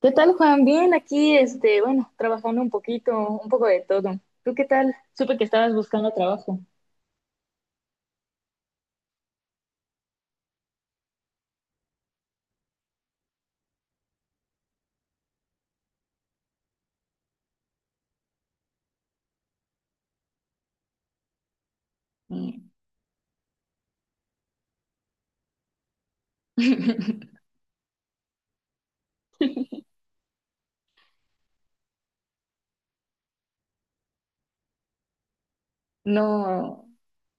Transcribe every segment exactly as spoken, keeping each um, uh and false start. ¿Qué tal, Juan? Bien, aquí, este, bueno, trabajando un poquito, un poco de todo. ¿Tú qué tal? Supe que estabas buscando trabajo. Mm. No,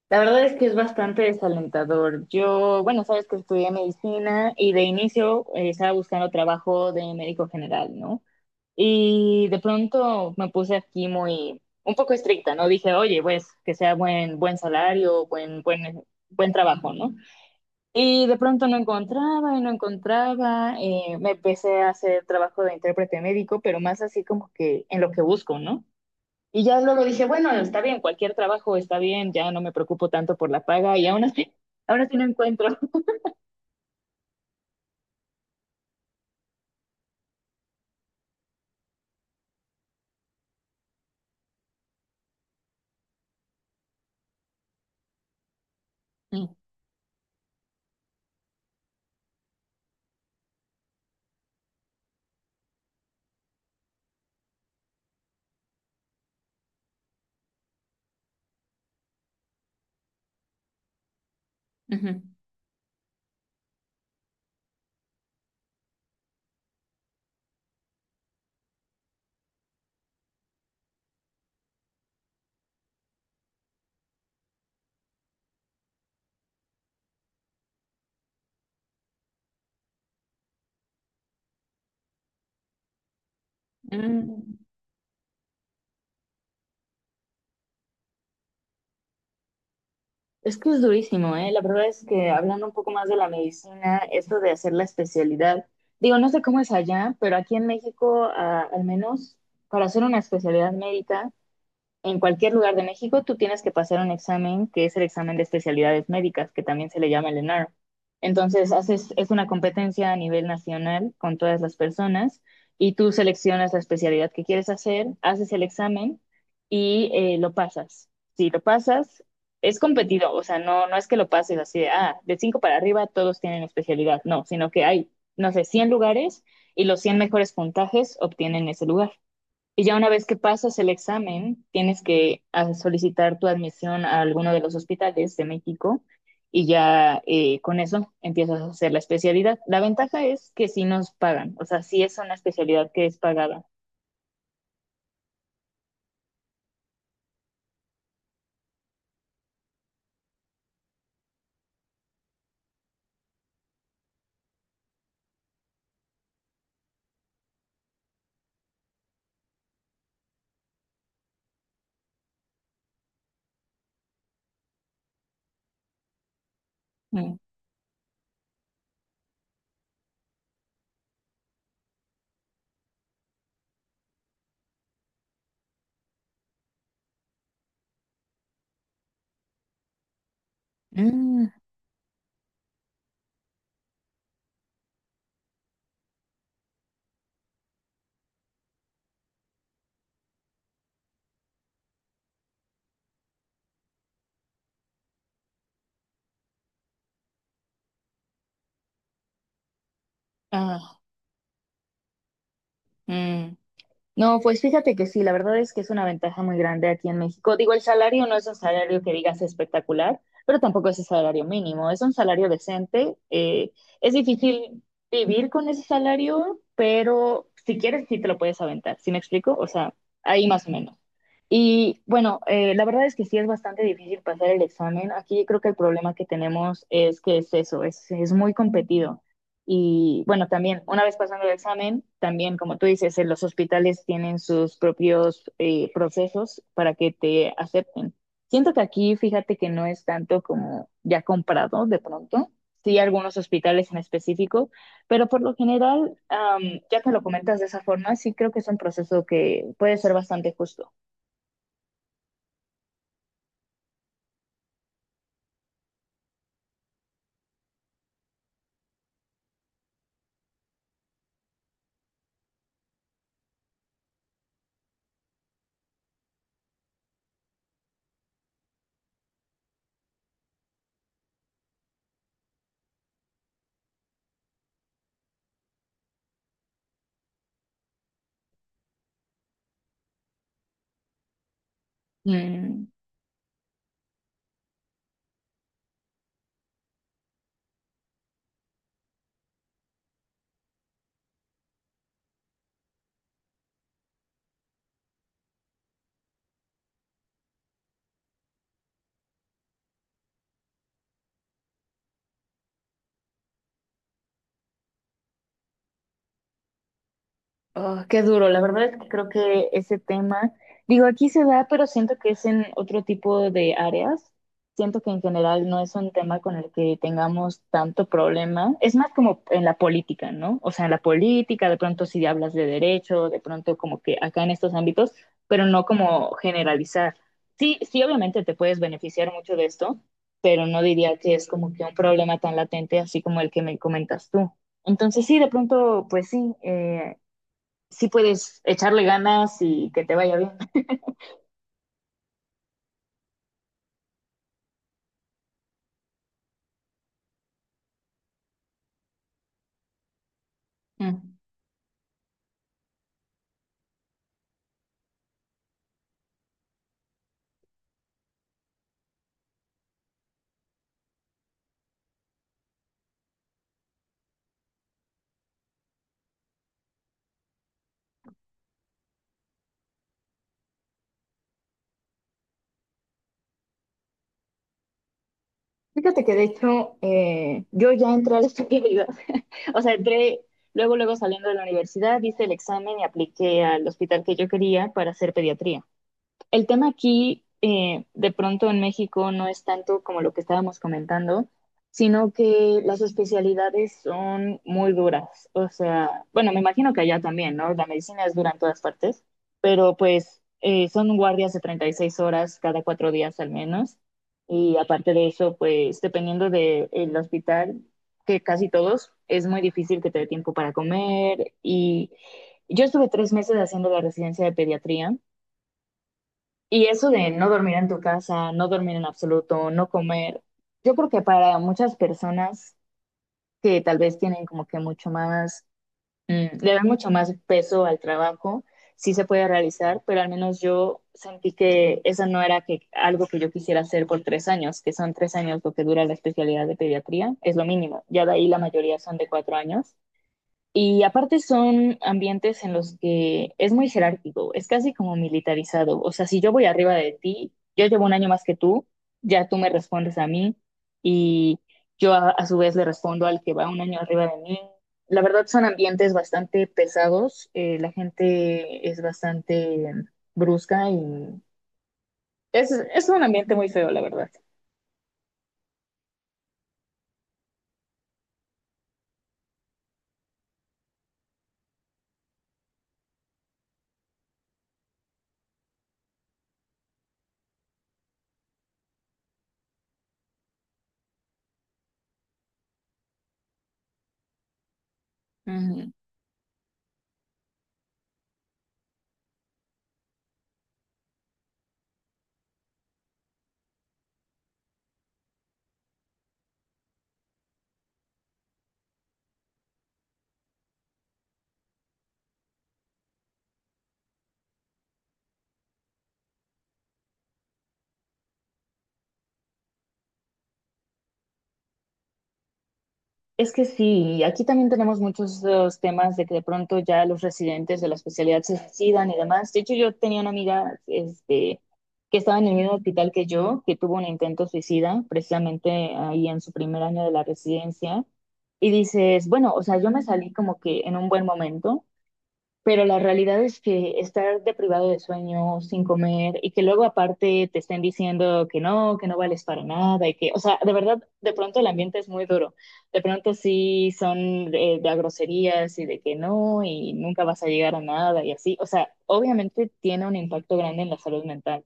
la verdad es que es bastante desalentador. Yo, bueno, sabes que estudié medicina y de inicio eh, estaba buscando trabajo de médico general, ¿no? Y de pronto me puse aquí muy, un poco estricta, ¿no? Dije, oye, pues, que sea buen, buen salario, buen, buen, buen trabajo, ¿no? Y de pronto no encontraba y no encontraba. Eh, me empecé a hacer trabajo de intérprete médico, pero más así como que en lo que busco, ¿no? Y ya luego dije, bueno, está bien, cualquier trabajo está bien, ya no me preocupo tanto por la paga y aún así, ahora sí no encuentro. Mm, ujú. Mm. Es que es durísimo, ¿eh? La verdad es que hablando un poco más de la medicina, esto de hacer la especialidad, digo, no sé cómo es allá, pero aquí en México, ah, al menos para hacer una especialidad médica, en cualquier lugar de México tú tienes que pasar un examen que es el examen de especialidades médicas, que también se le llama el E N A R. Entonces, haces, es una competencia a nivel nacional con todas las personas y tú seleccionas la especialidad que quieres hacer, haces el examen y eh, lo pasas. Si lo pasas, es competido, o sea, no, no es que lo pases así de, ah, de cinco para arriba todos tienen especialidad, no, sino que hay, no sé, cien lugares y los cien mejores puntajes obtienen ese lugar. Y ya una vez que pasas el examen, tienes que ah, solicitar tu admisión a alguno de los hospitales de México y ya eh, con eso empiezas a hacer la especialidad. La ventaja es que sí nos pagan, o sea, sí es una especialidad que es pagada. Mm. Mm. Ah, mm. No, pues fíjate que sí, la verdad es que es una ventaja muy grande aquí en México. Digo, el salario no es un salario que digas espectacular, pero tampoco es un salario mínimo, es un salario decente. Eh, es difícil vivir con ese salario, pero si quieres, sí te lo puedes aventar. ¿Sí me explico? O sea, ahí más o menos. Y bueno, eh, la verdad es que sí es bastante difícil pasar el examen. Aquí creo que el problema que tenemos es que es eso, es, es muy competido. Y bueno, también, una vez pasando el examen, también, como tú dices, en los hospitales tienen sus propios eh, procesos para que te acepten. Siento que aquí, fíjate que no es tanto como ya comprado de pronto, sí algunos hospitales en específico, pero por lo general, am, ya que lo comentas de esa forma, sí creo que es un proceso que puede ser bastante justo. Mm. Oh, qué duro, la verdad es que creo que ese tema, digo, aquí se da, pero siento que es en otro tipo de áreas. Siento que en general no es un tema con el que tengamos tanto problema. Es más como en la política, ¿no? O sea, en la política, de pronto si hablas de derecho, de pronto como que acá en estos ámbitos, pero no como generalizar. Sí, sí, obviamente te puedes beneficiar mucho de esto, pero no diría que es como que un problema tan latente así como el que me comentas tú. Entonces sí, de pronto, pues sí, eh, sí puedes echarle ganas y que te vaya bien. Mm. Fíjate que de hecho eh, yo ya entré a la especialidad, o sea, entré luego, luego saliendo de la universidad, hice el examen y apliqué al hospital que yo quería para hacer pediatría. El tema aquí, eh, de pronto en México, no es tanto como lo que estábamos comentando, sino que las especialidades son muy duras. O sea, bueno, me imagino que allá también, ¿no? La medicina es dura en todas partes, pero pues eh, son guardias de treinta y seis horas cada cuatro días al menos. Y aparte de eso, pues dependiendo del hospital, que casi todos, es muy difícil que te dé tiempo para comer. Y yo estuve tres meses haciendo la residencia de pediatría y eso de no dormir en tu casa, no dormir en absoluto, no comer, yo creo que para muchas personas que tal vez tienen como que mucho más, mm, le dan mucho más peso al trabajo, sí se puede realizar, pero al menos yo sentí que eso no era que, algo que yo quisiera hacer por tres años, que son tres años lo que dura la especialidad de pediatría, es lo mínimo, ya de ahí la mayoría son de cuatro años. Y aparte son ambientes en los que es muy jerárquico, es casi como militarizado. O sea, si yo voy arriba de ti, yo llevo un año más que tú, ya tú me respondes a mí y yo a, a su vez le respondo al que va un año arriba de mí. La verdad son ambientes bastante pesados, eh, la gente es bastante brusca y es, es un ambiente muy feo, la verdad. Ujú. Es que sí, y aquí también tenemos muchos los temas de que de pronto ya los residentes de la especialidad se suicidan y demás. De hecho, yo tenía una amiga este, que estaba en el mismo hospital que yo, que tuvo un intento suicida, precisamente ahí en su primer año de la residencia, y dices, bueno, o sea, yo me salí como que en un buen momento, pero la realidad es que estar deprivado de sueño, sin comer, y que luego aparte te estén diciendo que no, que no vales para nada, y que, o sea, de verdad, de pronto el ambiente es muy duro. De pronto sí son de, de a groserías y de que no, y nunca vas a llegar a nada, y así. O sea, obviamente tiene un impacto grande en la salud mental.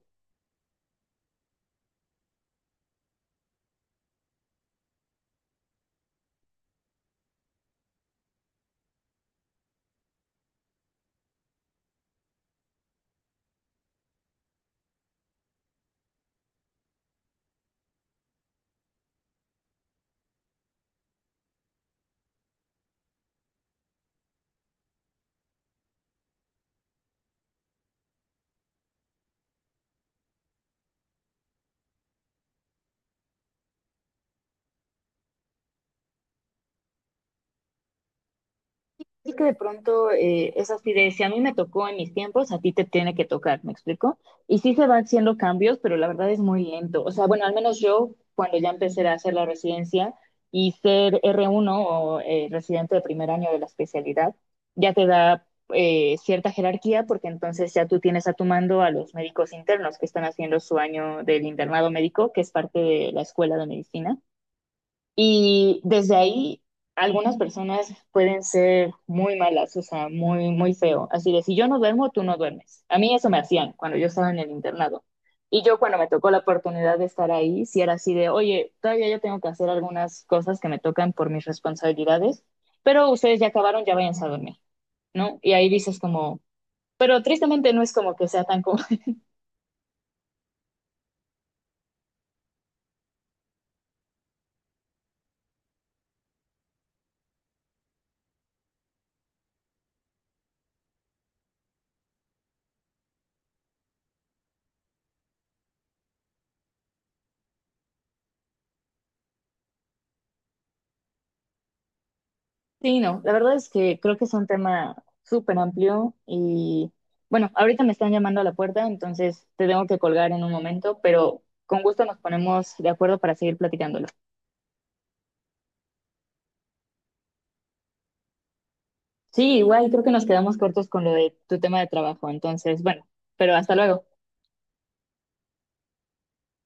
Sí que de pronto eh, es así de, si a mí me tocó en mis tiempos, a ti te tiene que tocar, ¿me explico? Y sí se van haciendo cambios, pero la verdad es muy lento. O sea, bueno, al menos yo cuando ya empecé a hacer la residencia y ser r uno o eh, residente de primer año de la especialidad, ya te da eh, cierta jerarquía porque entonces ya tú tienes a tu mando a los médicos internos que están haciendo su año del internado médico, que es parte de la escuela de medicina. Y desde ahí, algunas personas pueden ser muy malas, o sea, muy, muy feo. Así de, si yo no duermo, tú no duermes. A mí eso me hacían cuando yo estaba en el internado. Y yo cuando me tocó la oportunidad de estar ahí, si era así de, oye, todavía yo tengo que hacer algunas cosas que me tocan por mis responsabilidades, pero ustedes ya acabaron, ya váyanse a dormir, ¿no? Y ahí dices como, pero tristemente no es como que sea tan co- Sí, no, la verdad es que creo que es un tema súper amplio y bueno, ahorita me están llamando a la puerta, entonces te tengo que colgar en un momento, pero con gusto nos ponemos de acuerdo para seguir platicándolo. Sí, igual creo que nos quedamos cortos con lo de tu tema de trabajo, entonces bueno, pero hasta luego.